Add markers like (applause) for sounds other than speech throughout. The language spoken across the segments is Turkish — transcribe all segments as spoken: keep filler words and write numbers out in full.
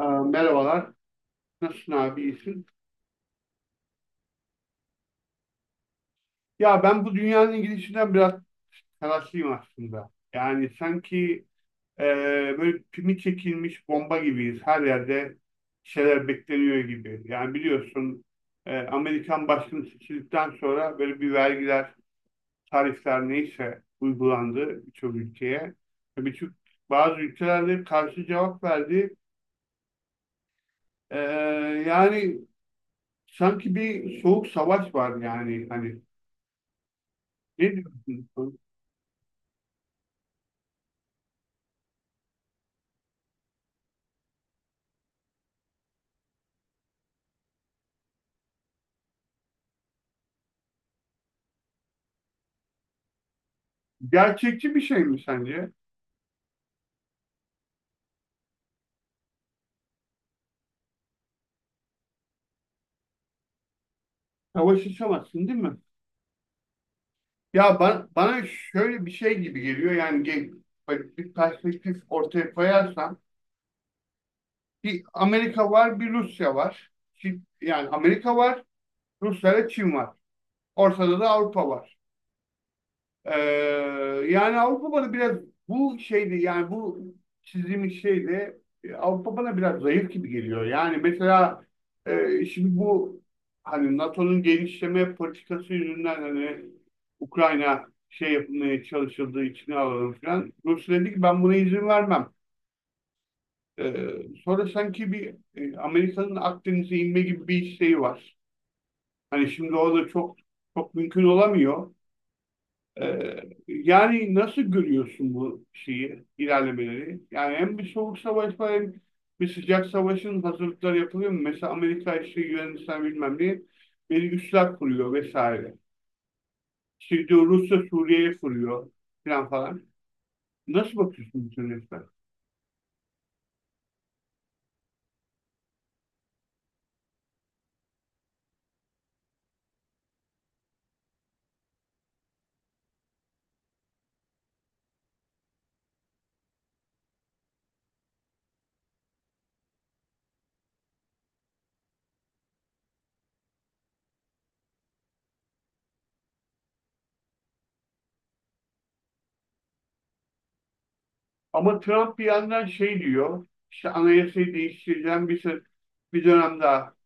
Ee, merhabalar. Nasılsın abi? İyisin? Ya ben bu dünyanın gidişinden biraz telaşlıyım aslında. Yani sanki e, böyle pimi çekilmiş bomba gibiyiz. Her yerde şeyler bekleniyor gibi. Yani biliyorsun e, Amerikan başkanı seçildikten sonra böyle bir vergiler, tarifler neyse uygulandı birçok ülkeye. Ve Birçok bazı ülkelerde karşı cevap verdi. E, Yani sanki bir soğuk savaş var yani. Hani ne diyorsun? Gerçekçi bir şey mi sence? Savaş açamazsın değil mi? Ya bana, bana şöyle bir şey gibi geliyor yani ge- böyle bir perspektif ortaya koyarsam bir Amerika var, bir Rusya var. Çin- yani Amerika var, Rusya ile Çin var. Ortada da Avrupa var. Ee, Yani Avrupa bana biraz bu şeydi, yani bu çizdiğimiz şeyde e, Avrupa bana biraz zayıf gibi geliyor. Yani mesela e, şimdi bu hani N A T O'nun genişleme politikası yüzünden hani Ukrayna şey yapmaya çalışıldığı içine alalım falan. Rusya dedi ki ben buna izin vermem. Ee, Sonra sanki bir e, Amerika'nın Akdeniz'e inme gibi bir isteği var. Hani şimdi o da çok çok mümkün olamıyor. Ee, Yani nasıl görüyorsun bu şeyi, ilerlemeleri? Yani hem bir soğuk savaş var hem bir sıcak savaşın hazırlıkları yapılıyor mu? Mesela Amerika işte Yunanistan bilmem ne bir üsler kuruyor vesaire. İşte diyor Rusya Suriye'ye kuruyor falan falan. Nasıl bakıyorsun bütün resmen? Ama Trump bir yandan şey diyor, işte anayasayı değiştireceğim, bir, se- bir dönem daha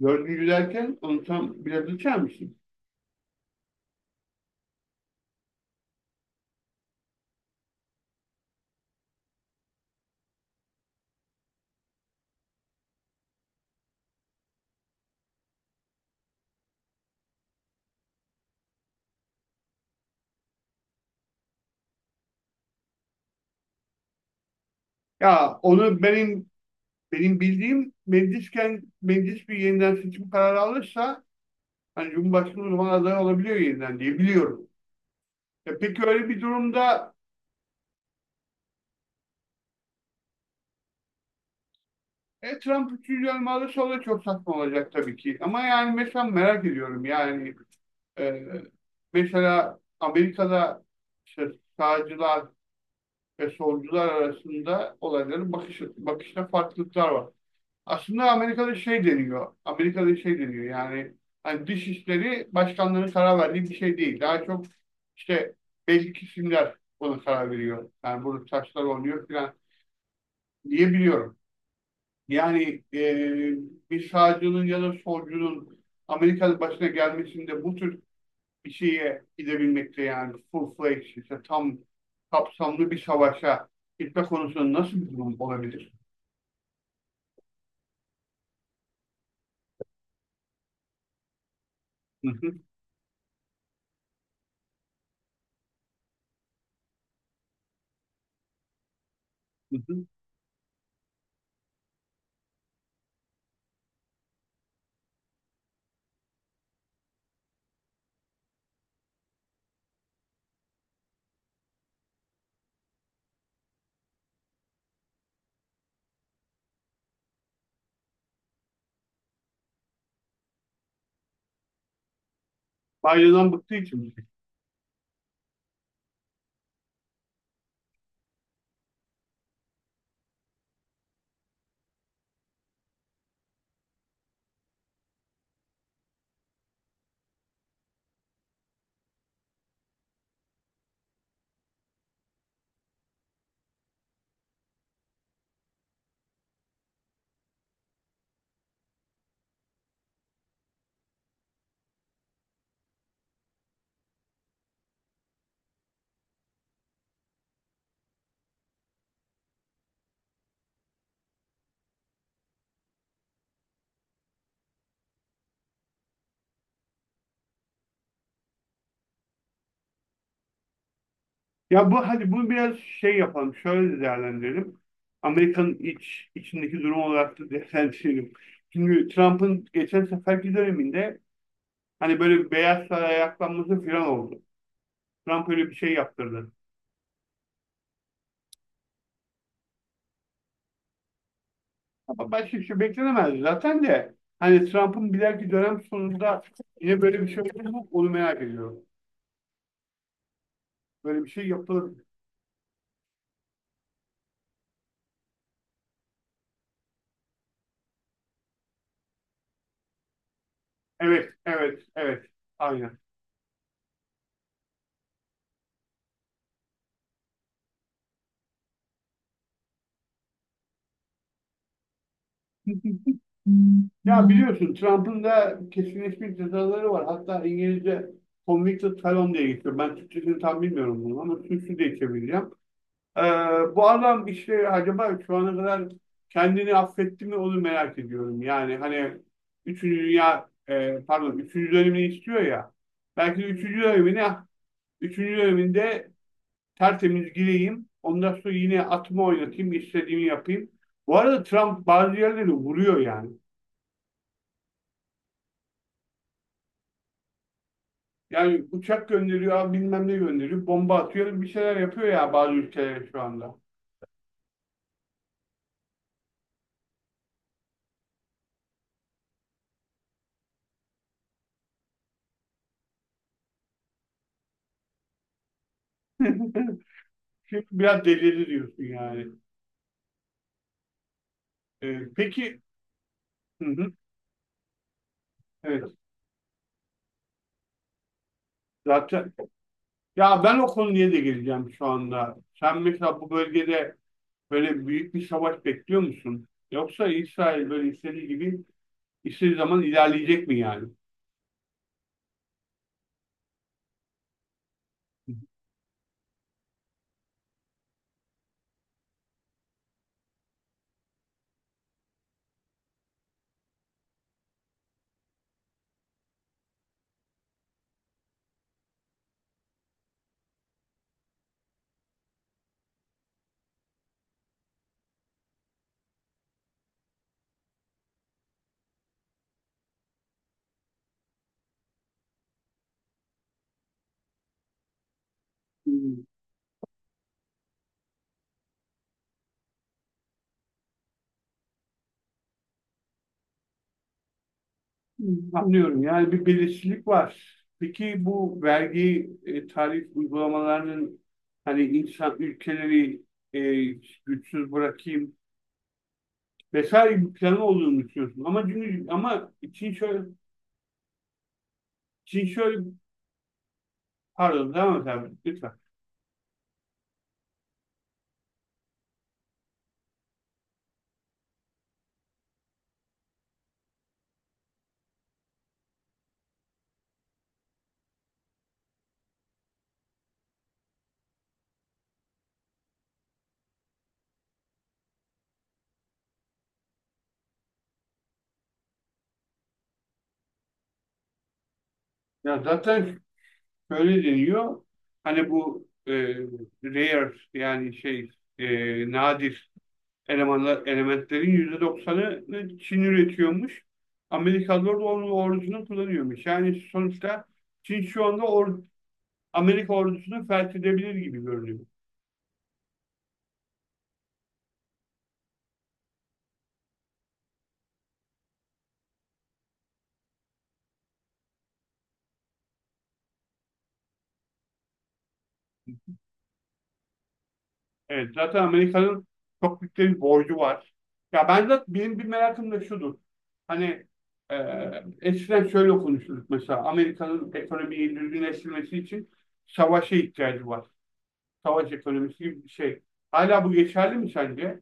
görgü derken onu tam biraz açar mısın? Ya onu benim Benim bildiğim meclisken meclis bir yeniden seçim kararı alırsa hani Cumhurbaşkanı o zaman aday olabiliyor yeniden diye biliyorum. E peki öyle bir durumda e, Trump üçüncü dönem alırsa o da çok saçma olacak tabii ki. Ama yani mesela merak ediyorum yani e, mesela Amerika'da işte sağcılar ve solcular arasında olayların bakış, bakışta farklılıklar var. Aslında Amerika'da şey deniyor. Amerika'da şey deniyor, yani hani dış işleri başkanların karar verdiği bir şey değil. Daha çok işte belli kesimler buna karar veriyor. Yani bunu taşlar oluyor falan diye biliyorum. Yani eee bir sağcının ya da solcunun Amerika'da başına gelmesinde bu tür bir şeye gidebilmekte, yani full fledged, işte tam kapsamlı bir savaşa gitme konusunda nasıl bir durum olabilir? Hı hı, hı hı. Biden'dan bıktığı için mi? Ya bu, hadi bunu biraz şey yapalım. Şöyle de değerlendirelim. Amerika'nın iç içindeki durum olarak da değerlendirelim. Çünkü Trump'ın geçen seferki döneminde hani böyle bir Beyaz Saray'a ayaklanması falan oldu. Trump öyle bir şey yaptırdı. Ama başka bir şey beklenemezdi zaten de. Hani Trump'ın bir dahaki dönem sonunda yine böyle bir şey olur mu? Onu merak ediyorum. Böyle bir şey yapılır mı? Evet, evet, evet. Aynen. Ya biliyorsun Trump'ın da kesinleşmiş cezaları var. Hatta İngilizce convicted felon diye geçiyor. Ben Türkçesini tam bilmiyorum bunu ama suçlu diye çevireceğim. Ee, Bu adam işte acaba şu ana kadar kendini affetti mi onu merak ediyorum. Yani hani üçüncü Dünya, e, pardon, üçüncü dönemini istiyor ya. Belki de üçüncü dönemine üçüncü döneminde tertemiz gireyim. Ondan sonra yine atımı oynatayım, istediğimi yapayım. Bu arada Trump bazı yerleri vuruyor yani. Yani uçak gönderiyor, bilmem ne gönderiyor, bomba atıyor, bir şeyler yapıyor ya bazı ülkeler şu anda. (laughs) Şimdi biraz delirdi diyorsun yani. Ee, peki, hı hı, evet, zaten. Ya ben o konuya da geleceğim şu anda. Sen mesela bu bölgede böyle büyük bir savaş bekliyor musun? Yoksa İsrail böyle istediği gibi istediği zaman ilerleyecek mi yani? Hı, anlıyorum. Yani bir belirsizlik var. Peki bu vergi e, tarif uygulamalarının hani insan ülkeleri e, güçsüz bırakayım vesaire bir planı olduğunu düşünüyorsun. Ama çünkü ama Çin şöyle, Çin şöyle, pardon, devam et abi lütfen. Ya zaten şöyle deniyor. Hani bu e, rare yani şey, e, nadir elemanlar, elementlerin yüzde doksanını Çin üretiyormuş. Amerikalılar da onun ordusunu kullanıyormuş. Yani sonuçta Çin şu anda or Amerika ordusunu felç edebilir gibi görünüyor. Evet, zaten Amerika'nın çok büyük bir borcu var. Ya ben de benim bir merakım da şudur. Hani e, eskiden şöyle konuşurduk, mesela Amerika'nın ekonomiyi düzgünleştirmesi için savaşa ihtiyacı var. Savaş ekonomisi gibi bir şey. Hala bu geçerli mi sence?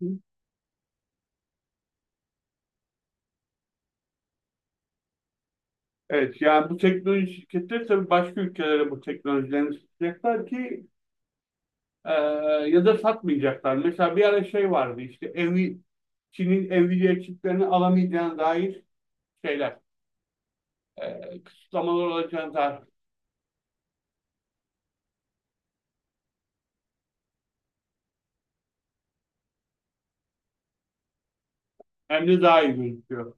Evet. Evet, yani bu teknoloji şirketleri tabii başka ülkelere bu teknolojilerini satacaklar ki e, ya da satmayacaklar. Mesela bir ara şey vardı, işte Nvi- Çin'in Nvidia çiplerini alamayacağına dair şeyler, e, kısıtlamalar olacağına dair. Hem de daha iyi gözüküyor.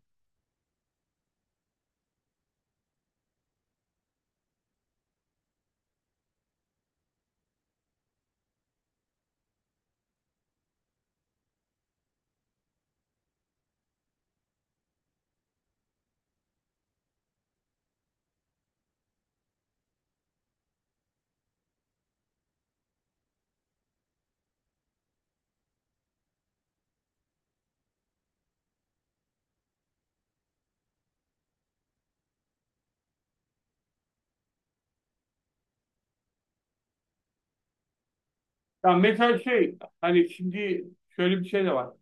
Yani mesela şey, hani şimdi şöyle bir şey de var.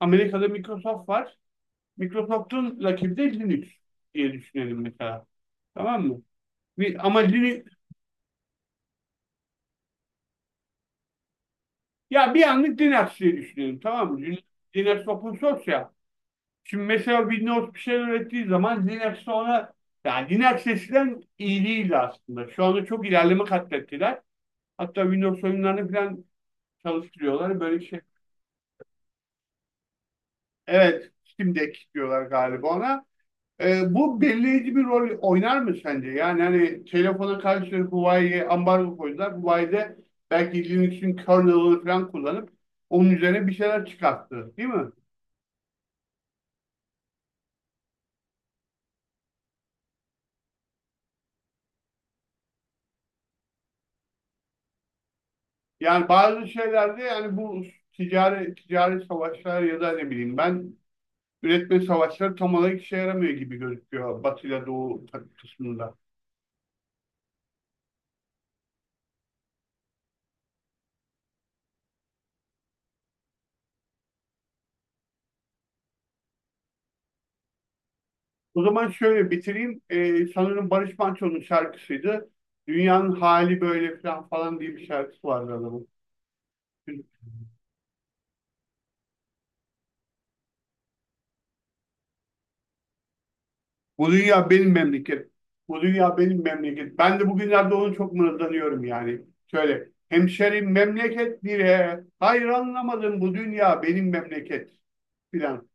Amerika'da Microsoft var. Microsoft'un rakibi de Linux diye düşünelim mesela. Tamam mı? Bir- Ama Linux, ya bir anlık din aksi diye düşünüyorum, tamam mı? Din din aksi, open source ya. Şimdi mesela Windows bir şey ürettiği zaman Linux ona, yani Linux eskiden iyi değildi aslında. Şu anda çok ilerleme katlettiler. Hatta Windows oyunlarını falan çalıştırıyorlar, böyle bir şey. Evet, Steam Deck diyorlar galiba ona. Ee, bu belirleyici bir rol oynar mı sence? Yani hani telefona karşı Huawei'ye ambargo koydular. Huawei de belki Linux'in kernel'ını falan kullanıp onun üzerine bir şeyler çıkarttı, değil mi? Yani bazı şeylerde, yani bu ticari ticari savaşlar ya da ne bileyim ben üretme savaşları tam olarak işe yaramıyor gibi gözüküyor Batı ile Doğu ta- kısmında. O zaman şöyle bitireyim. Ee, sanırım Barış Manço'nun şarkısıydı. Dünyanın hali böyle falan falan diye bir şarkısı vardı adamın. Bu dünya benim memleketim. Bu dünya benim memleket. Ben de bugünlerde onu çok mırıldanıyorum yani. Şöyle, hemşerim memleket bile, hayır anlamadım, bu dünya benim memleket filan.